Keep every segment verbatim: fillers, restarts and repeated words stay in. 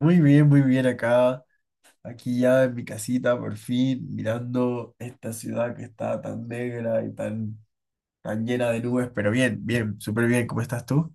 Muy bien, muy bien acá, aquí ya en mi casita, por fin, mirando esta ciudad que está tan negra y tan, tan llena de nubes, pero bien, bien, súper bien, ¿cómo estás tú?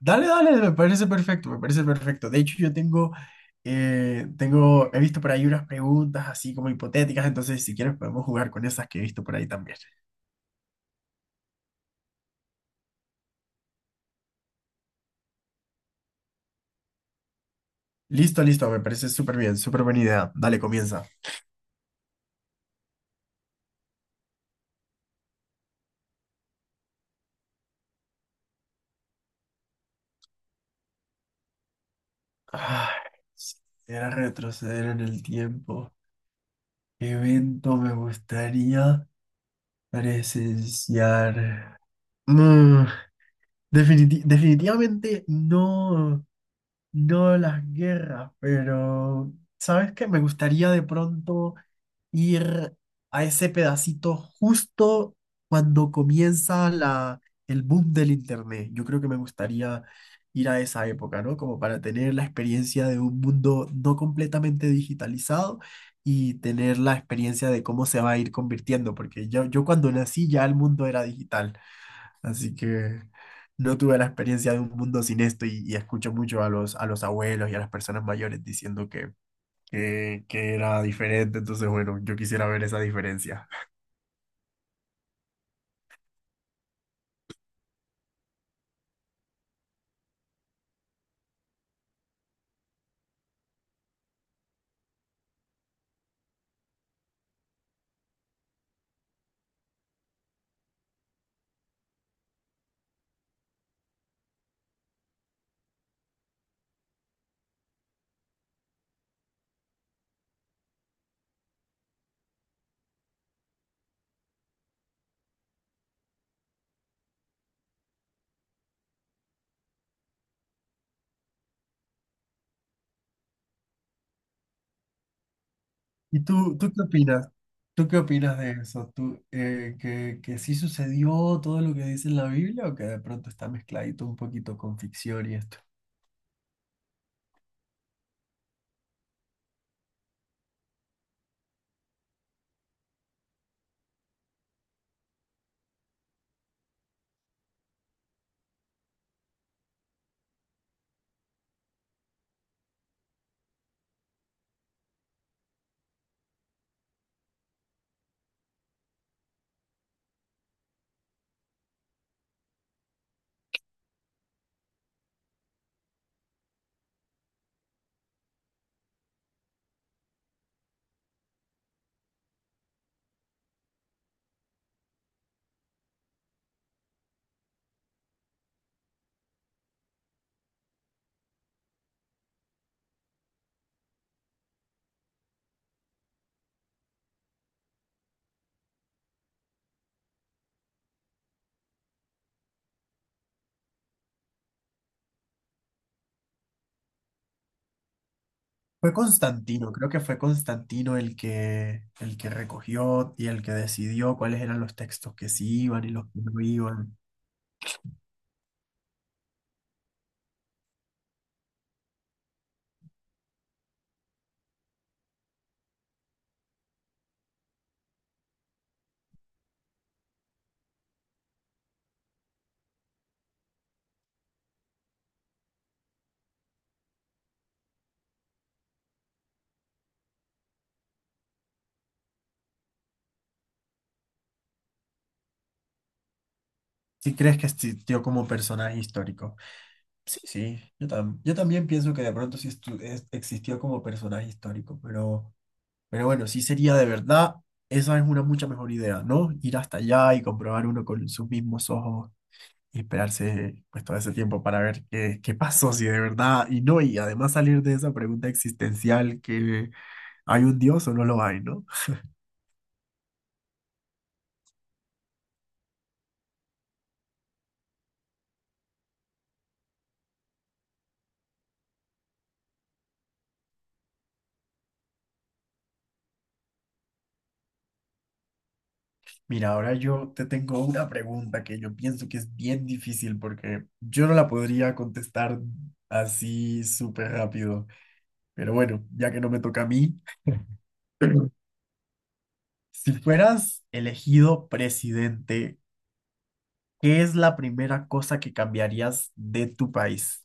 Dale, dale, me parece perfecto, me parece perfecto. De hecho, yo tengo, eh, tengo, he visto por ahí unas preguntas así como hipotéticas, entonces si quieres podemos jugar con esas que he visto por ahí también. Listo, listo, me parece súper bien, súper buena idea. Dale, comienza. Ay, si pudiera retroceder en el tiempo, ¿qué evento me gustaría? Pareces Yar. Mm, definiti- definitivamente no, no las guerras, pero ¿sabes qué? Me gustaría de pronto ir a ese pedacito justo cuando comienza la, el boom del internet. Yo creo que me gustaría ir a esa época, ¿no? Como para tener la experiencia de un mundo no completamente digitalizado y tener la experiencia de cómo se va a ir convirtiendo, porque yo, yo cuando nací ya el mundo era digital, así que... No tuve la experiencia de un mundo sin esto y, y escucho mucho a los, a los abuelos y a las personas mayores diciendo que, que, que era diferente. Entonces, bueno, yo quisiera ver esa diferencia. ¿Y tú, tú qué opinas? ¿Tú qué opinas de eso? ¿Tú, eh, que, que sí sucedió todo lo que dice en la Biblia o que de pronto está mezcladito un poquito con ficción y esto? Fue Constantino, creo que fue Constantino el que, el que recogió y el que decidió cuáles eran los textos que sí iban y los que no iban. ¿Sí crees que existió como personaje histórico? Sí, sí, yo, tam- yo también pienso que de pronto sí estu- es- existió como personaje histórico, pero, pero bueno, sí sería de verdad, esa es una mucha mejor idea, ¿no? Ir hasta allá y comprobar uno con sus mismos ojos y esperarse pues todo ese tiempo para ver qué, qué pasó, si de verdad, y no, y además salir de esa pregunta existencial que hay un Dios o no lo hay, ¿no? Mira, ahora yo te tengo una pregunta que yo pienso que es bien difícil porque yo no la podría contestar así súper rápido, pero bueno, ya que no me toca a mí, si fueras elegido presidente, ¿qué es la primera cosa que cambiarías de tu país?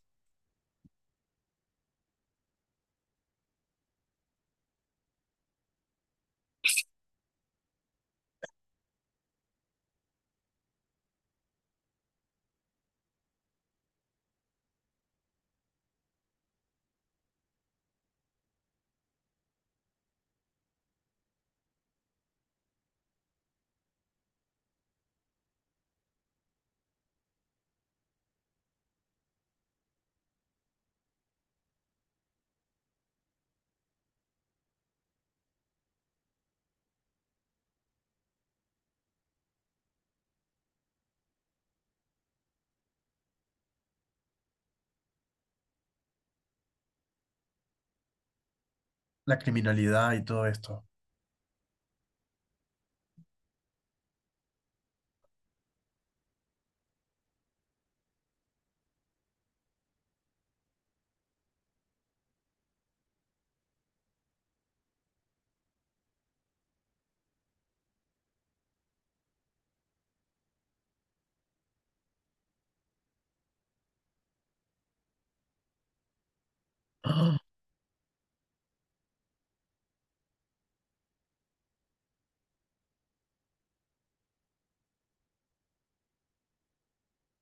La criminalidad y todo esto.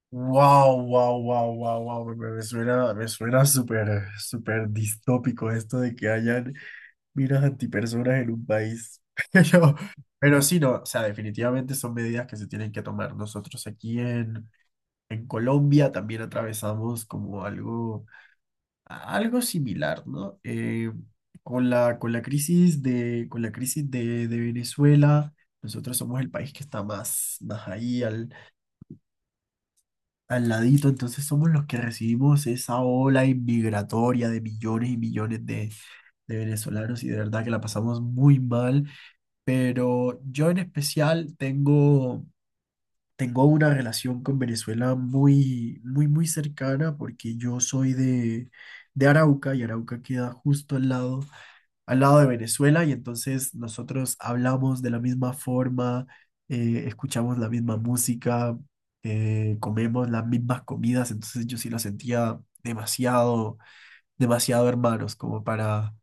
Wow, wow, wow, wow, wow, me, me- me suena, me suena súper, súper distópico esto de que hayan minas antipersonas en un país. Pero, pero sí, no, o sea, definitivamente son medidas que se tienen que tomar. Nosotros aquí en, en Colombia también atravesamos como algo, algo similar, ¿no? Eh, con la, con la crisis de, con la crisis de, de Venezuela, nosotros somos el país que está más, más ahí al ladito, entonces somos los que recibimos esa ola inmigratoria de millones y millones de, de venezolanos y de verdad que la pasamos muy mal, pero yo en especial tengo, tengo una relación con Venezuela muy, muy, muy cercana porque yo soy de, de Arauca y Arauca queda justo al lado al lado de Venezuela y entonces nosotros hablamos de la misma forma, eh, escuchamos la misma música, eh, comemos las mismas comidas, entonces yo sí lo sentía demasiado, demasiado hermanos como para,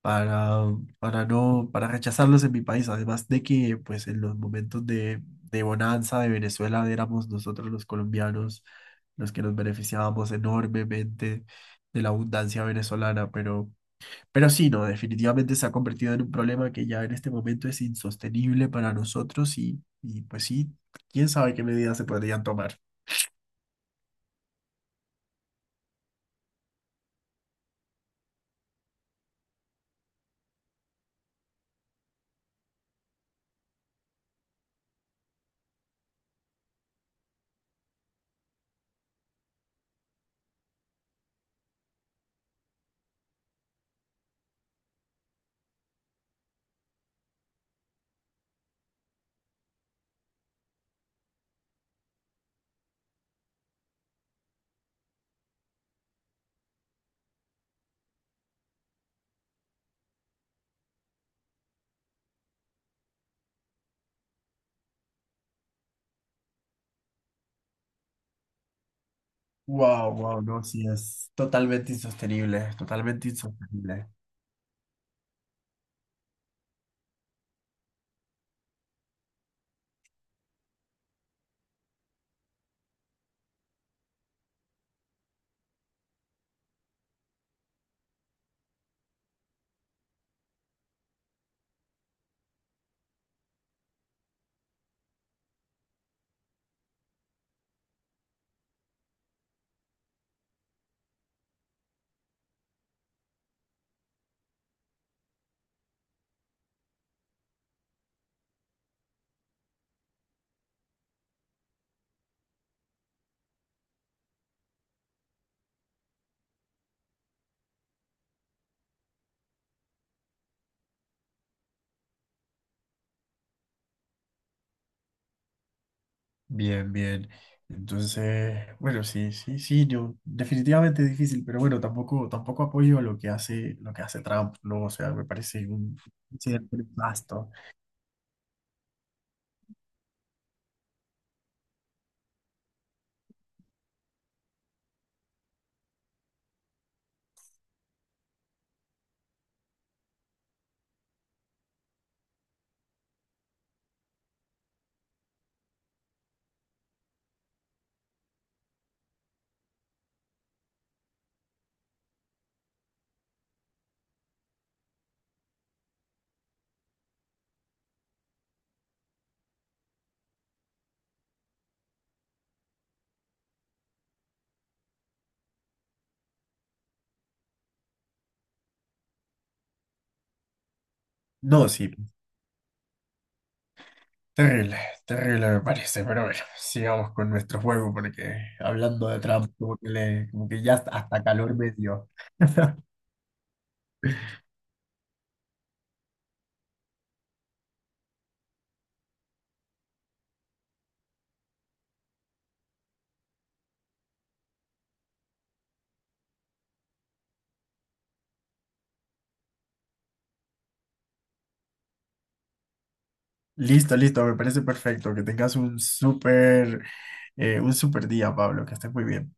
para, para no, para rechazarlos en mi país, además de que pues en los momentos de, de bonanza de Venezuela éramos nosotros los colombianos los que nos beneficiábamos enormemente de la abundancia venezolana, pero... Pero sí, no, definitivamente se ha convertido en un problema que ya en este momento es insostenible para nosotros y, y pues sí, quién sabe qué medidas se podrían tomar. Wow, wow, no, sí, es totalmente insostenible, totalmente insostenible. Bien, bien. Entonces, bueno, sí, sí, sí, yo definitivamente es difícil, pero bueno, tampoco, tampoco apoyo lo que hace, lo que hace Trump, ¿no? O sea, me parece un un cierto nefasto. No, sí, terrible, terrible me parece, pero bueno, sigamos con nuestro juego porque hablando de Trump, como que, le- como que ya hasta calor me dio. Listo, listo, me parece perfecto. Que tengas un súper eh, un súper día, Pablo, que estés muy bien.